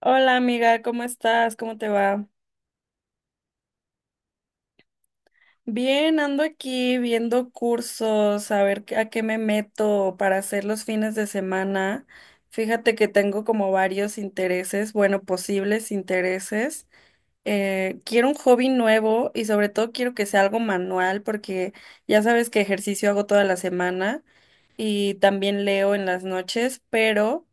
Hola amiga, ¿cómo estás? ¿Cómo te va? Bien, ando aquí viendo cursos, a ver a qué me meto para hacer los fines de semana. Fíjate que tengo como varios intereses, bueno, posibles intereses. Quiero un hobby nuevo y sobre todo quiero que sea algo manual porque ya sabes que ejercicio hago toda la semana, y también leo en las noches, pero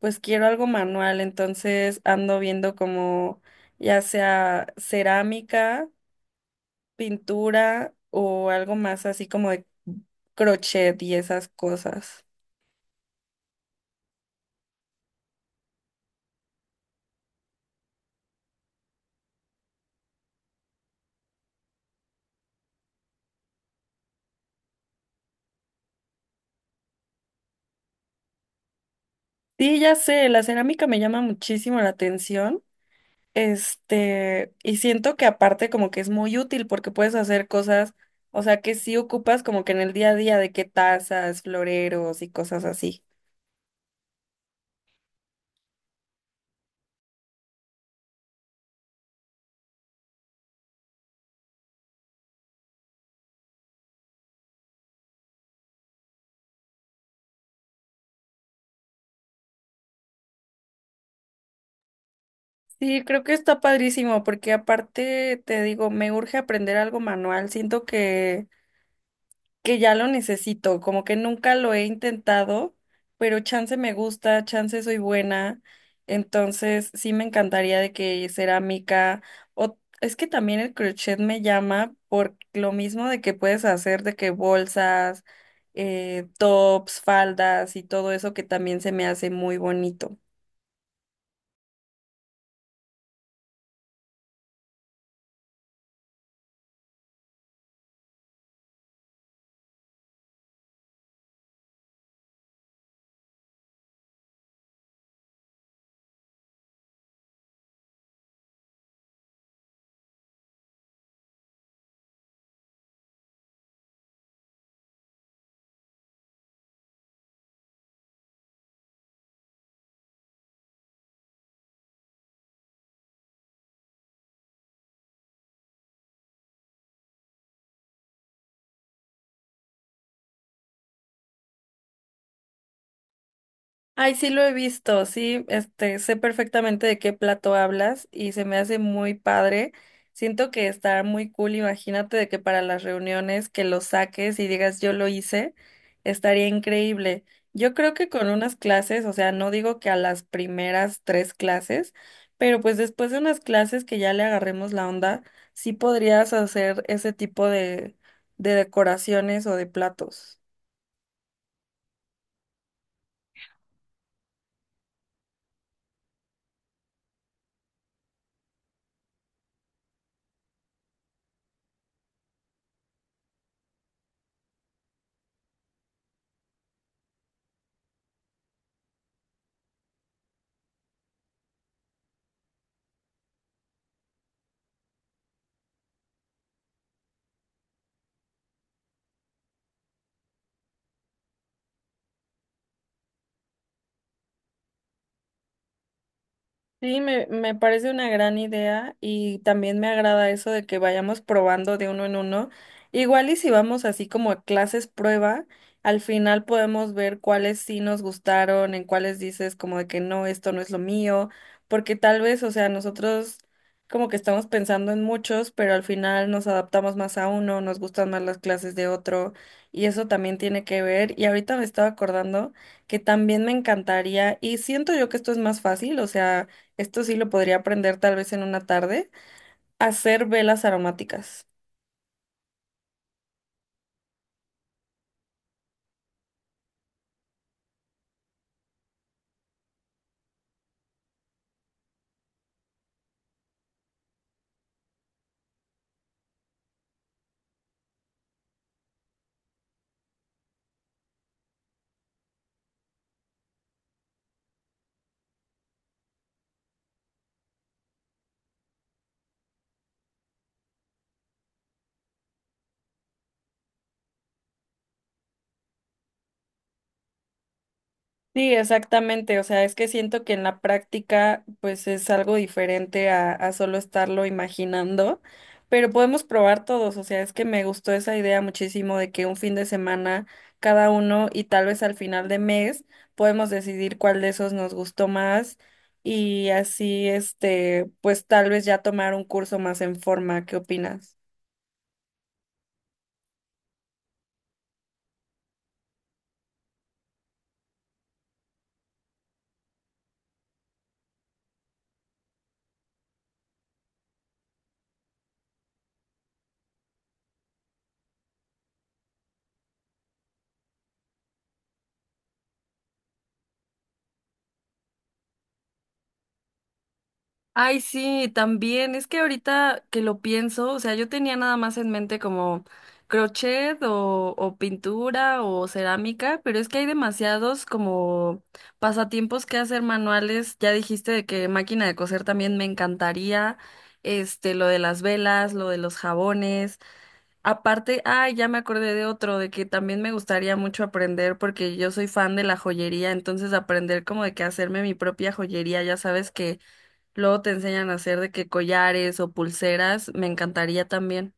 pues quiero algo manual, entonces ando viendo como ya sea cerámica, pintura o algo más así como de crochet y esas cosas. Sí, ya sé, la cerámica me llama muchísimo la atención. Este, y siento que aparte como que es muy útil porque puedes hacer cosas, o sea, que sí ocupas como que en el día a día de que tazas, floreros y cosas así. Sí, creo que está padrísimo porque aparte te digo, me urge aprender algo manual, siento que ya lo necesito, como que nunca lo he intentado, pero chance me gusta, chance soy buena, entonces sí me encantaría de que cerámica o es que también el crochet me llama por lo mismo de que puedes hacer de que bolsas, tops, faldas y todo eso que también se me hace muy bonito. Ay, sí lo he visto, sí, este, sé perfectamente de qué plato hablas y se me hace muy padre. Siento que está muy cool, imagínate de que para las reuniones que lo saques y digas yo lo hice, estaría increíble. Yo creo que con unas clases, o sea, no digo que a las primeras tres clases, pero pues después de unas clases que ya le agarremos la onda, sí podrías hacer ese tipo de decoraciones o de platos. Sí, me parece una gran idea y también me agrada eso de que vayamos probando de uno en uno. Igual y si vamos así como a clases prueba, al final podemos ver cuáles sí nos gustaron, en cuáles dices como de que no, esto no es lo mío, porque tal vez, o sea, nosotros como que estamos pensando en muchos, pero al final nos adaptamos más a uno, nos gustan más las clases de otro y eso también tiene que ver. Y ahorita me estaba acordando que también me encantaría y siento yo que esto es más fácil, o sea esto sí lo podría aprender tal vez en una tarde, hacer velas aromáticas. Sí, exactamente. O sea, es que siento que en la práctica, pues es algo diferente a solo estarlo imaginando, pero podemos probar todos. O sea, es que me gustó esa idea muchísimo de que un fin de semana cada uno y tal vez al final de mes podemos decidir cuál de esos nos gustó más y así, este, pues tal vez ya tomar un curso más en forma. ¿Qué opinas? Ay, sí, también. Es que ahorita que lo pienso, o sea, yo tenía nada más en mente como crochet o pintura o cerámica, pero es que hay demasiados como pasatiempos que hacer manuales. Ya dijiste de que máquina de coser también me encantaría. Este, lo de las velas, lo de los jabones. Aparte, ay, ya me acordé de otro, de que también me gustaría mucho aprender porque yo soy fan de la joyería, entonces aprender como de que hacerme mi propia joyería, ya sabes que luego te enseñan a hacer de que collares o pulseras, me encantaría también.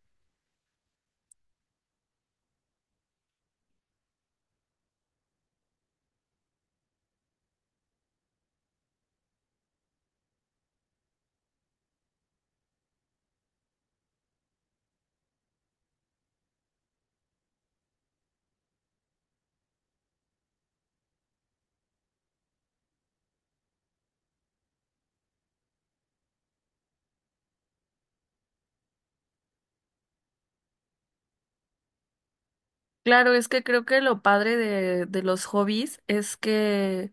Claro, es que creo que lo padre de los hobbies es que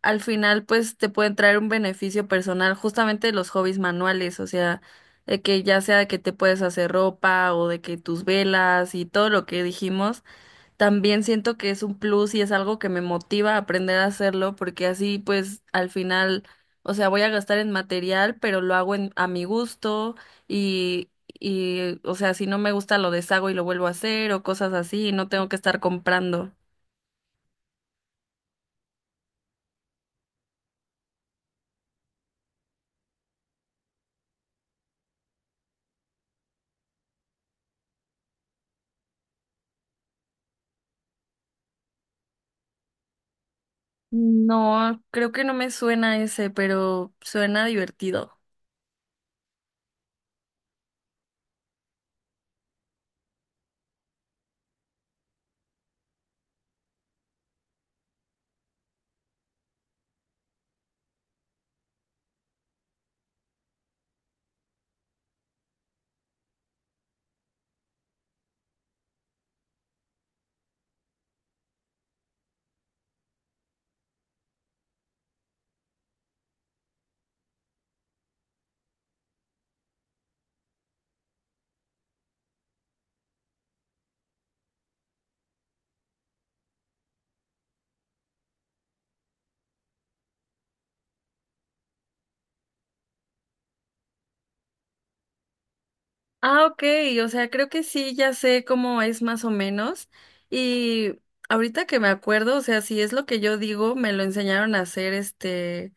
al final pues te pueden traer un beneficio personal, justamente los hobbies manuales, o sea, de que ya sea de que te puedes hacer ropa o de que tus velas y todo lo que dijimos. También siento que es un plus y es algo que me motiva a aprender a hacerlo porque así pues al final, o sea, voy a gastar en material, pero lo hago a mi gusto y, y o sea, si no me gusta lo deshago y lo vuelvo a hacer o cosas así y no tengo que estar comprando. No, creo que no me suena ese, pero suena divertido. Ah, ok, o sea, creo que sí, ya sé cómo es más o menos. Y ahorita que me acuerdo, o sea, si es lo que yo digo, me lo enseñaron a hacer este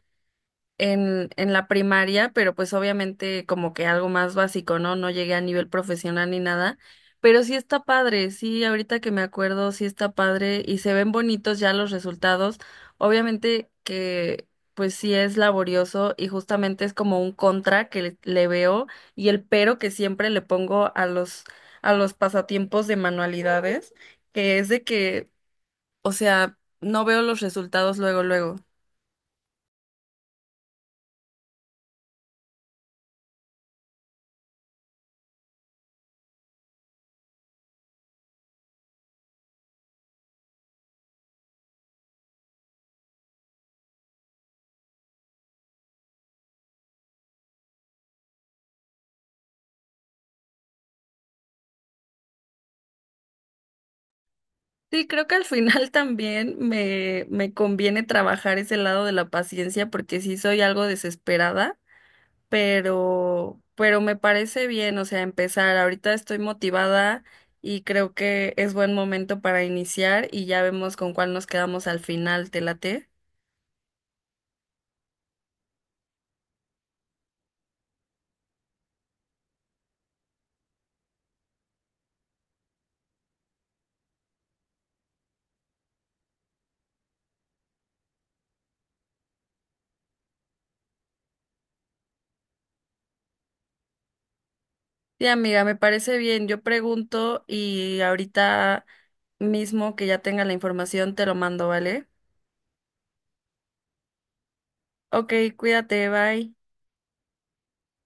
en la primaria, pero pues obviamente como que algo más básico, ¿no? No llegué a nivel profesional ni nada, pero sí está padre, sí, ahorita que me acuerdo, sí está padre y se ven bonitos ya los resultados. Obviamente que pues sí es laborioso y justamente es como un contra que le veo y el pero que siempre le pongo a los pasatiempos de manualidades, que es de que, o sea, no veo los resultados luego, luego. Sí, creo que al final también me conviene trabajar ese lado de la paciencia porque sí soy algo desesperada, pero me parece bien, o sea, empezar. Ahorita estoy motivada y creo que es buen momento para iniciar y ya vemos con cuál nos quedamos al final, ¿te late? Sí, amiga, me parece bien. Yo pregunto y ahorita mismo que ya tenga la información te lo mando, ¿vale? Ok, cuídate, bye.